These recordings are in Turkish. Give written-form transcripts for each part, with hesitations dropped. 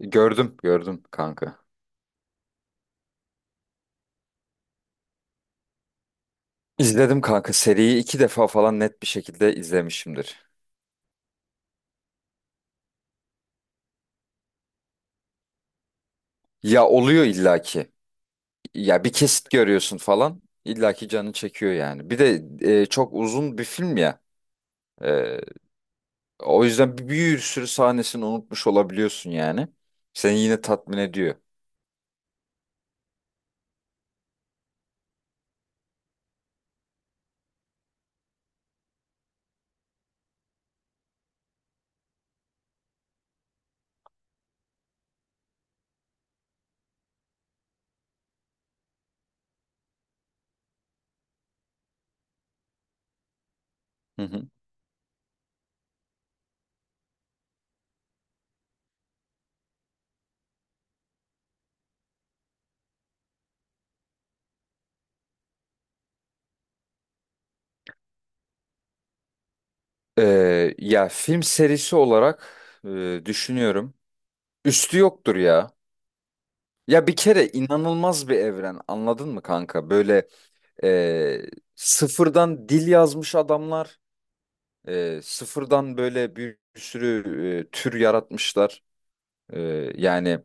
Gördüm, gördüm kanka. İzledim kanka. Seriyi iki defa falan net bir şekilde izlemişimdir. Ya oluyor illaki. Ya bir kesit görüyorsun falan. İllaki canı çekiyor yani. Bir de çok uzun bir film ya. E, O yüzden bir sürü sahnesini unutmuş olabiliyorsun yani. Seni yine tatmin ediyor. Hı hı. Ya film serisi olarak düşünüyorum. Üstü yoktur ya. Ya bir kere inanılmaz bir evren anladın mı kanka? Böyle, E, sıfırdan dil yazmış adamlar. Sıfırdan böyle bir sürü tür yaratmışlar. E, Yani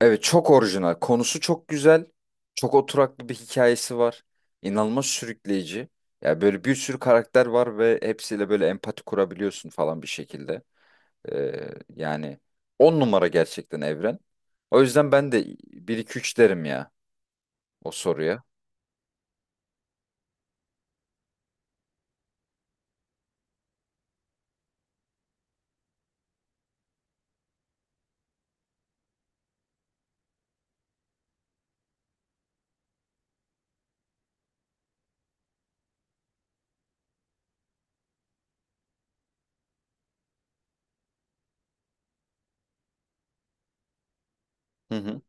evet, çok orijinal. Konusu çok güzel. Çok oturaklı bir hikayesi var. İnanılmaz sürükleyici. Yani böyle bir sürü karakter var ve hepsiyle böyle empati kurabiliyorsun falan bir şekilde. E, Yani on numara gerçekten evren. O yüzden ben de bir 2 3 derim ya o soruya. Hı hı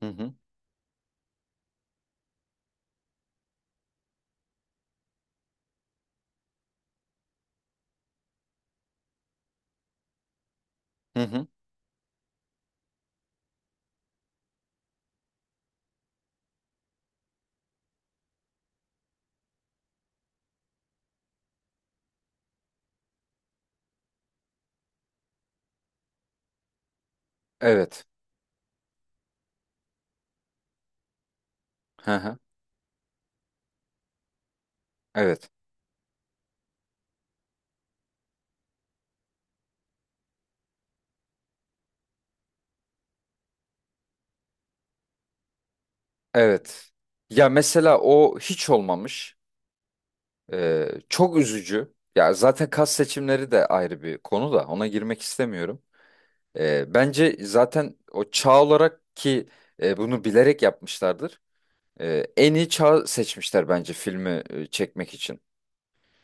hı hı hı. Hı. Evet. Hı hı. Evet. Evet. Ya mesela o hiç olmamış. Çok üzücü. Ya zaten kas seçimleri de ayrı bir konu, da ona girmek istemiyorum. Bence zaten o çağ olarak ki bunu bilerek yapmışlardır. En iyi çağ seçmişler bence filmi çekmek için.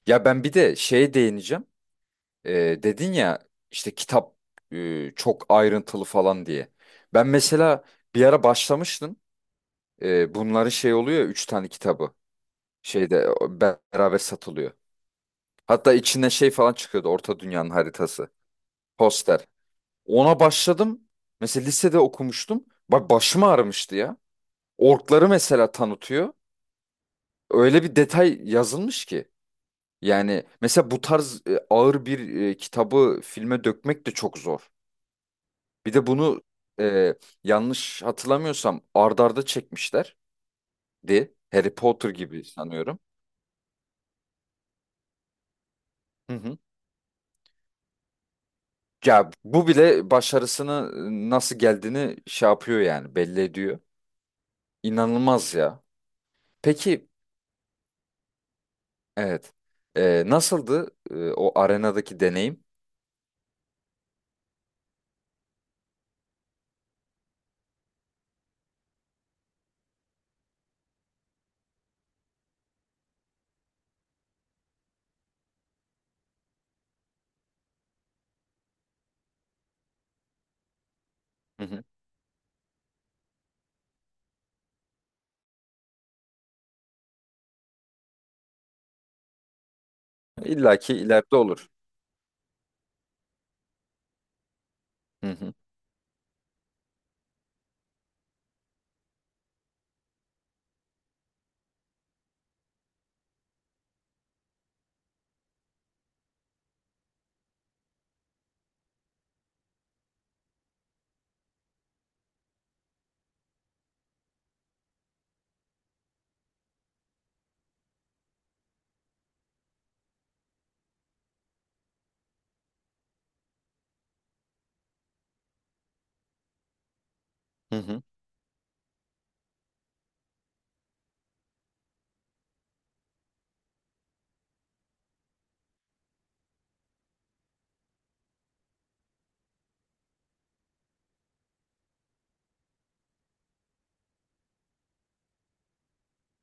Ya ben bir de şeye değineceğim. Dedin ya işte kitap çok ayrıntılı falan diye. Ben mesela bir ara başlamıştım. Bunların şey oluyor ya, üç tane kitabı. Şeyde o beraber satılıyor. Hatta içinden şey falan çıkıyordu. Orta Dünya'nın haritası. Poster. Ona başladım. Mesela lisede okumuştum. Bak başım ağrımıştı ya. Orkları mesela tanıtıyor. Öyle bir detay yazılmış ki. Yani mesela bu tarz ağır bir kitabı filme dökmek de çok zor. Bir de bunu e, yanlış hatırlamıyorsam ard arda çekmişlerdi. Harry Potter gibi sanıyorum. Hı hı. Ya bu bile başarısını nasıl geldiğini şey yapıyor yani, belli ediyor. İnanılmaz ya. Peki, evet. Nasıldı o arenadaki deneyim? Hı hı. İlla ki ileride olur. Hı hı. Hı hı.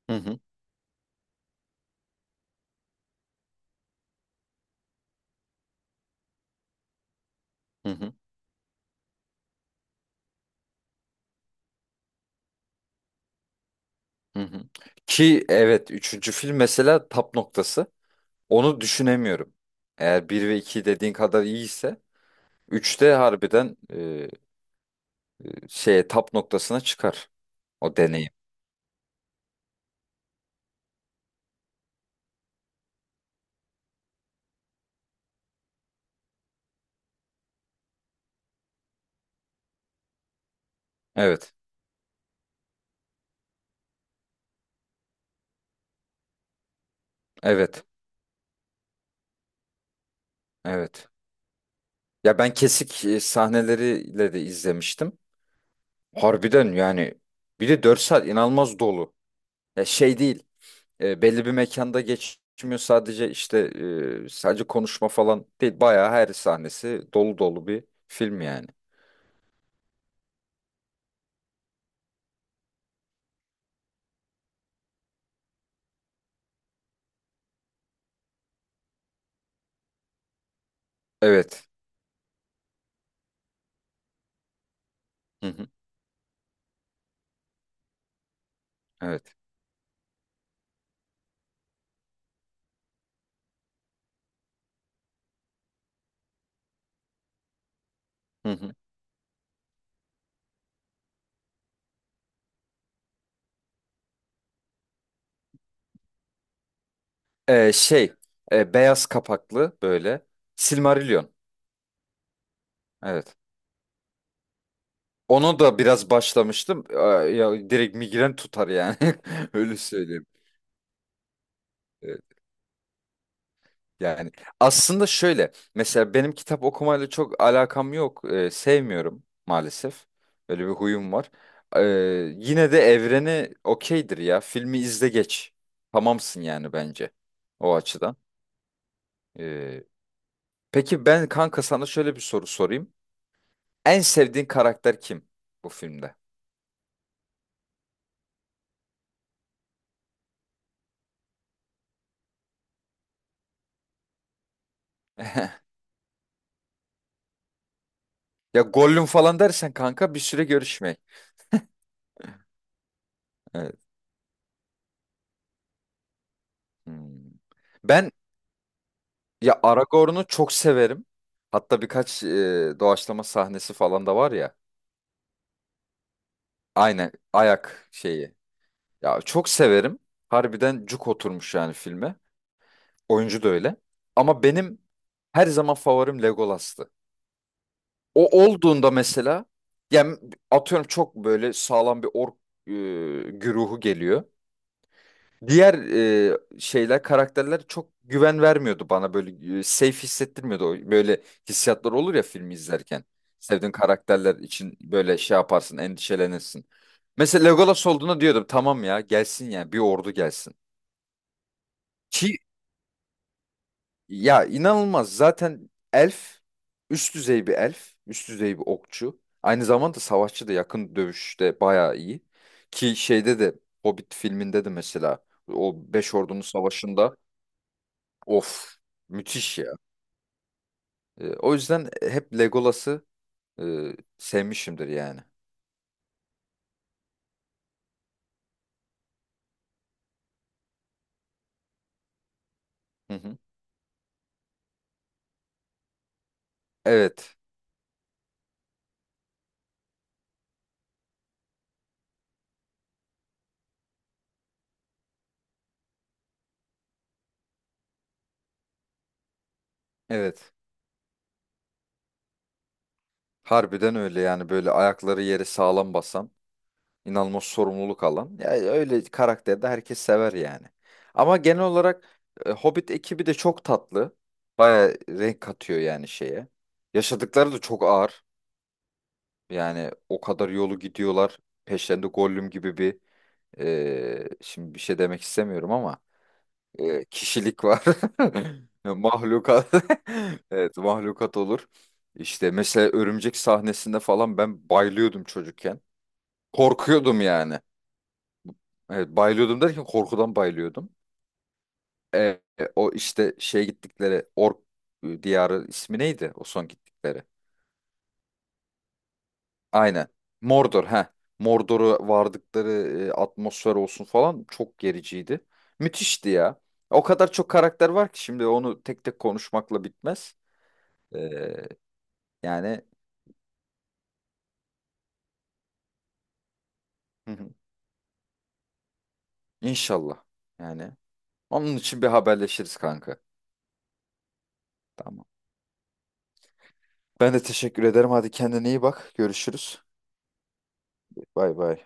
Hı hı. Hı hı. Hı hı. Ki evet, üçüncü film mesela tap noktası. Onu düşünemiyorum. Eğer bir ve 2 dediğin kadar iyiyse üçte harbiden şeye, tap noktasına çıkar o deneyim. Evet. Evet. Evet. Ya ben kesik sahneleriyle de izlemiştim. Harbiden yani, bir de 4 saat inanılmaz dolu. Ya şey değil, belli bir mekanda geçmiyor sadece; işte sadece konuşma falan değil. Bayağı her sahnesi dolu dolu bir film yani. Evet. Hı hı, evet. Hı hı. Şey, beyaz kapaklı böyle, Silmarillion. Evet. Onu da biraz başlamıştım. Aa, ya direkt migren tutar yani. Öyle söyleyeyim. Yani aslında şöyle, mesela benim kitap okumayla çok alakam yok. Sevmiyorum maalesef. Öyle bir huyum var. Ee, Yine de evreni okeydir ya. Filmi izle geç. Tamamsın yani bence o açıdan. Ee, peki ben, kanka, sana şöyle bir soru sorayım. En sevdiğin karakter kim bu filmde? Ya Gollum falan dersen kanka bir süre görüşmeyin. Evet. Hmm. Ben Ya Aragorn'u çok severim. Hatta birkaç doğaçlama sahnesi falan da var ya. Aynen, ayak şeyi. Ya çok severim. Harbiden cuk oturmuş yani filme. Oyuncu da öyle. Ama benim her zaman favorim Legolas'tı. O olduğunda mesela, yani atıyorum, çok böyle sağlam bir ork e, güruhu geliyor. Diğer şeyler, karakterler çok güven vermiyordu bana, böyle safe hissettirmiyordu. O böyle hissiyatlar olur ya filmi izlerken. Sevdiğin karakterler için böyle şey yaparsın, endişelenirsin. Mesela Legolas olduğuna diyordum, tamam ya, gelsin yani, bir ordu gelsin. Ki ya, inanılmaz zaten elf, üst düzey bir elf, üst düzey bir okçu. Aynı zamanda savaşçı da, yakın dövüşte bayağı iyi. Ki şeyde de, Hobbit filminde de mesela, o Beş Ordunun Savaşı'nda, of müthiş ya. O yüzden hep Legolas'ı e, sevmişimdir yani. Hı hı. Evet. Evet. Harbiden öyle yani, böyle ayakları yere sağlam basan, inanılmaz sorumluluk alan. Ya öyle karakterde herkes sever yani. Ama genel olarak Hobbit ekibi de çok tatlı. Baya renk katıyor yani şeye. Yaşadıkları da çok ağır. Yani o kadar yolu gidiyorlar. Peşlerinde Gollum gibi bir şimdi bir şey demek istemiyorum ama kişilik var. Mahlukat. Evet, mahlukat olur. İşte mesela örümcek sahnesinde falan ben bayılıyordum çocukken. Korkuyordum yani. Evet, bayılıyordum derken korkudan bayılıyordum. E, o işte şey, gittikleri ork diyarı, ismi neydi o son gittikleri? Aynen. Mordor, ha. Mordor'u vardıkları atmosfer olsun falan çok gericiydi. Müthişti ya. O kadar çok karakter var ki şimdi onu tek tek konuşmakla bitmez. E, Yani, hı hı. inşallah. Yani onun için bir haberleşiriz kanka. Tamam. Ben de teşekkür ederim. Hadi kendine iyi bak. Görüşürüz. Bay bay.